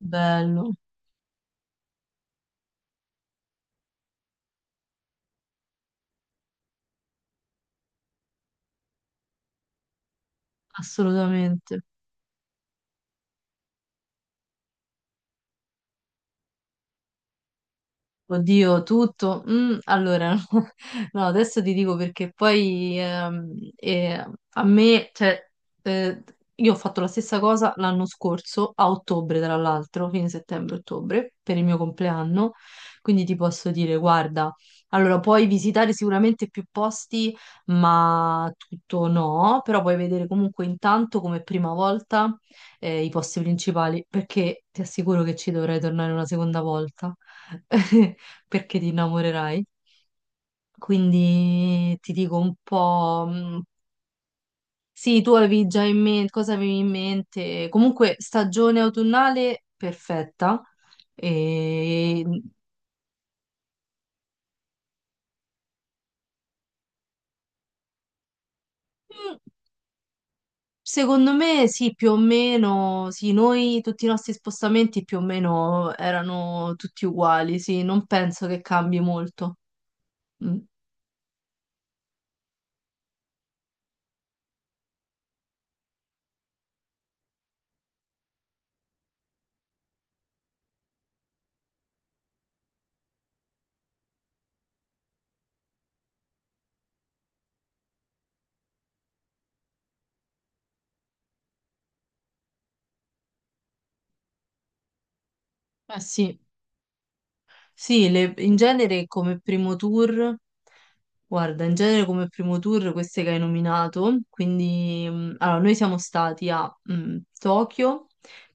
Bello, assolutamente. Oddio, tutto. No, adesso ti dico perché poi a me, eh, io ho fatto la stessa cosa l'anno scorso, a ottobre tra l'altro, fine settembre-ottobre, per il mio compleanno, quindi ti posso dire, guarda, allora puoi visitare sicuramente più posti, ma tutto no, però puoi vedere comunque intanto come prima volta i posti principali, perché ti assicuro che ci dovrei tornare una seconda volta. Perché ti innamorerai. Quindi ti dico un po', sì, tu avevi già in mente, cosa avevi in mente? Comunque, stagione autunnale perfetta. E... mm, Secondo me sì, più o meno, sì, noi tutti i nostri spostamenti più o meno erano tutti uguali, sì, non penso che cambi molto. Mm. Eh sì. Sì, in genere come primo tour, guarda, in genere come primo tour queste che hai nominato, quindi noi siamo stati a Tokyo,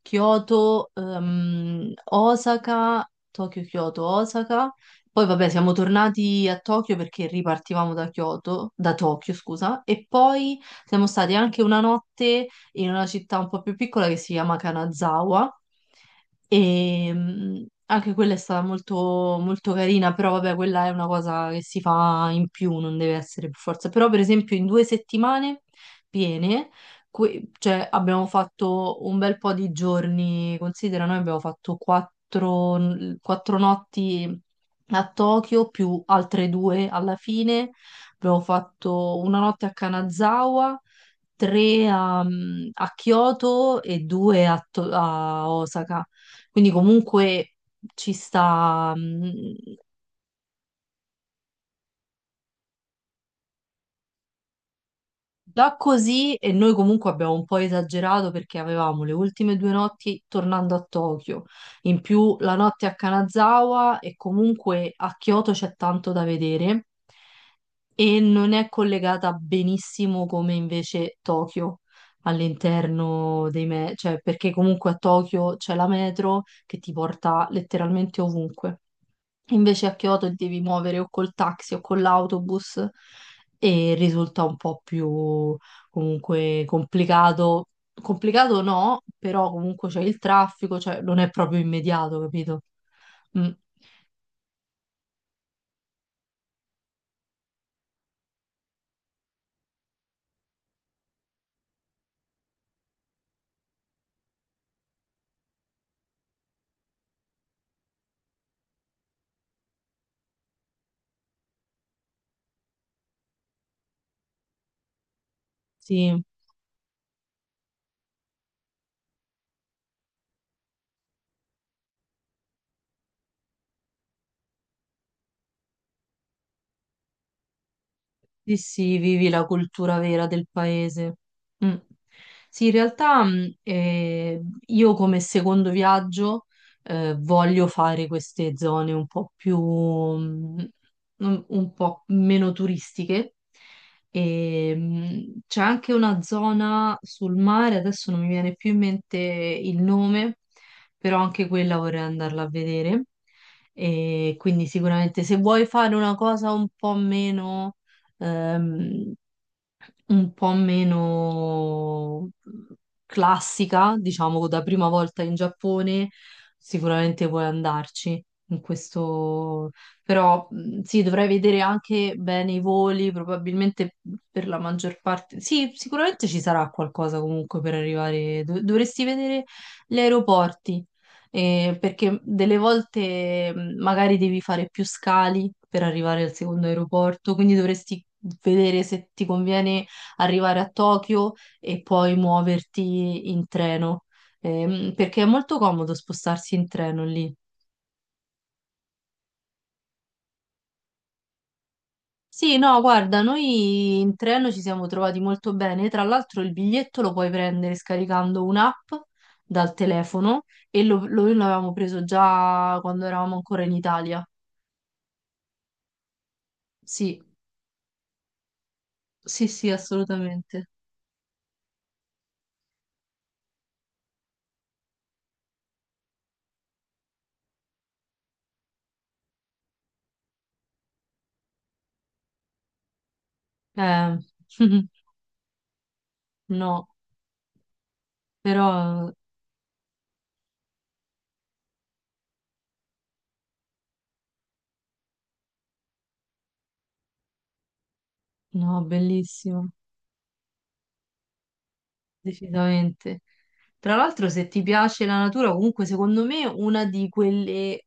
Kyoto, Osaka, Tokyo, Kyoto, Osaka, poi vabbè siamo tornati a Tokyo perché ripartivamo da Kyoto, da Tokyo scusa, e poi siamo stati anche una notte in una città un po' più piccola che si chiama Kanazawa. E anche quella è stata molto, molto carina, però vabbè, quella è una cosa che si fa in più, non deve essere per forza. Però, per esempio, in 2 settimane piene, cioè, abbiamo fatto un bel po' di giorni, considera, noi abbiamo fatto 4, 4 notti a Tokyo, più altre 2 alla fine. Abbiamo fatto una notte a Kanazawa, tre a, a Kyoto e due a a Osaka. Quindi comunque ci sta già così e noi comunque abbiamo un po' esagerato perché avevamo le ultime 2 notti tornando a Tokyo, in più la notte a Kanazawa e comunque a Kyoto c'è tanto da vedere e non è collegata benissimo come invece Tokyo all'interno cioè perché comunque a Tokyo c'è la metro che ti porta letteralmente ovunque. Invece a Kyoto devi muovere o col taxi o con l'autobus e risulta un po' più comunque complicato. Complicato no, però comunque c'è il traffico, cioè non è proprio immediato, capito? Mm, sì. Sì, sì, vivi la cultura vera del paese. Mm. Sì, in realtà io come secondo viaggio voglio fare queste zone un po' più, un po' meno turistiche. E, c'è anche una zona sul mare, adesso non mi viene più in mente il nome, però anche quella vorrei andarla a vedere. E quindi sicuramente se vuoi fare una cosa Ehm, un po' meno classica, diciamo, da prima volta in Giappone, sicuramente puoi andarci. In questo... Però sì, dovrei vedere anche bene i voli, probabilmente per la maggior parte. Sì, sicuramente ci sarà qualcosa comunque per arrivare. Dovresti vedere gli aeroporti, perché delle volte magari devi fare più scali per arrivare al secondo aeroporto, quindi dovresti vedere se ti conviene arrivare a Tokyo e poi muoverti in treno, perché è molto comodo spostarsi in treno lì. Sì, no, guarda, noi in treno ci siamo trovati molto bene. Tra l'altro il biglietto lo puoi prendere scaricando un'app dal telefono e noi l'avevamo preso già quando eravamo ancora in Italia. Sì, sì, sì, assolutamente. Eh, no, però no, bellissimo. Decisamente. Tra l'altro, se ti piace la natura, comunque secondo me una di quelle,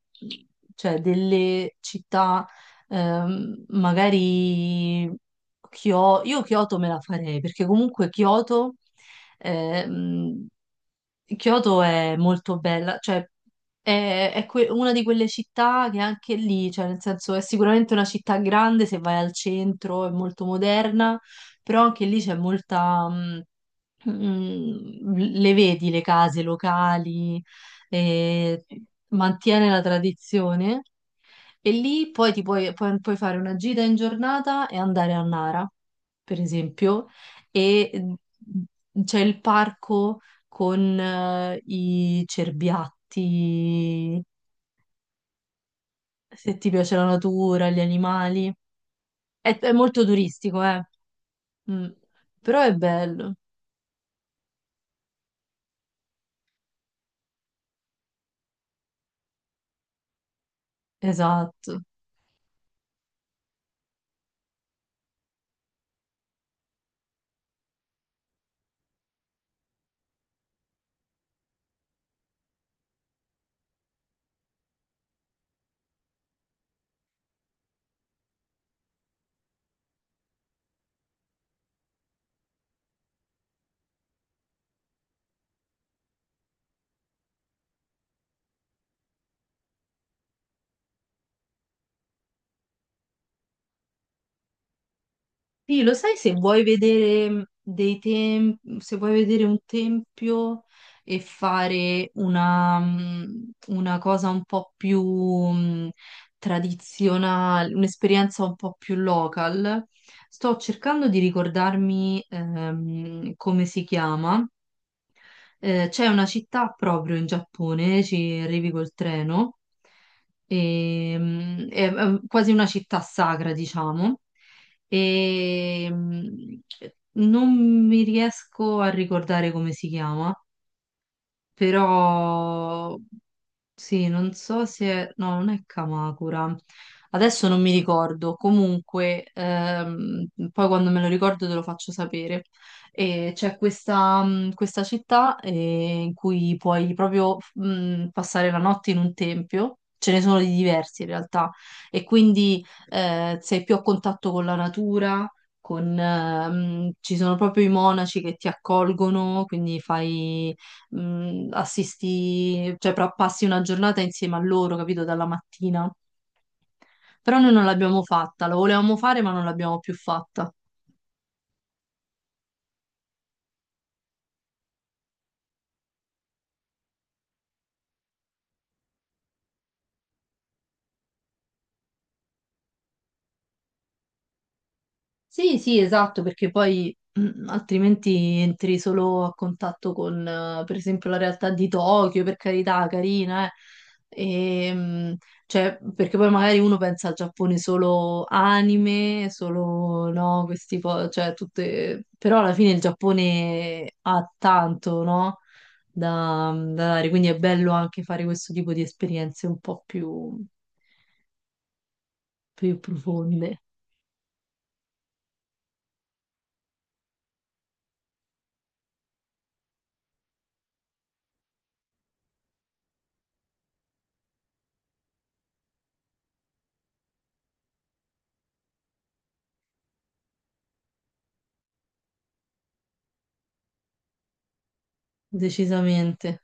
cioè delle città, magari io Kyoto me la farei, perché comunque Kyoto, ehm, Kyoto è molto bella, cioè è, una di quelle città che anche lì, cioè nel senso è sicuramente una città grande se vai al centro, è molto moderna, però anche lì c'è molta, mh, le vedi le case locali, e mantiene la tradizione, e lì poi ti puoi, puoi fare una gita in giornata e andare a Nara, per esempio, e c'è il parco con i cerbiatti, se ti piace la natura, gli animali. È molto turistico, eh. Mm. Però è bello, esatto. Sì, lo sai se vuoi vedere se vuoi vedere un tempio e fare una, una cosa un po' più tradizionale, un'esperienza un po' più local, sto cercando di ricordarmi come si chiama. C'è una città proprio in Giappone, ci arrivi col treno, e, è quasi una città sacra, diciamo, e non mi riesco a ricordare come si chiama, però sì, non so se... No, non è Kamakura. Adesso non mi ricordo. Comunque, poi quando me lo ricordo te lo faccio sapere. E c'è questa, questa città in cui puoi proprio passare la notte in un tempio. Ce ne sono di diversi in realtà. E quindi sei più a contatto con la natura. Con, ci sono proprio i monaci che ti accolgono, quindi fai passi una giornata insieme a loro, capito, dalla mattina. Però noi non l'abbiamo fatta, lo volevamo fare ma non l'abbiamo più fatta. Sì, sì, esatto, perché poi altrimenti entri solo a contatto con, per esempio, la realtà di Tokyo, per carità, carina, eh. E, cioè, perché poi magari uno pensa al Giappone solo anime, solo no, cioè tutte... Però alla fine il Giappone ha tanto, no? Da, da dare, quindi è bello anche fare questo tipo di esperienze un po' più, più profonde, decisamente.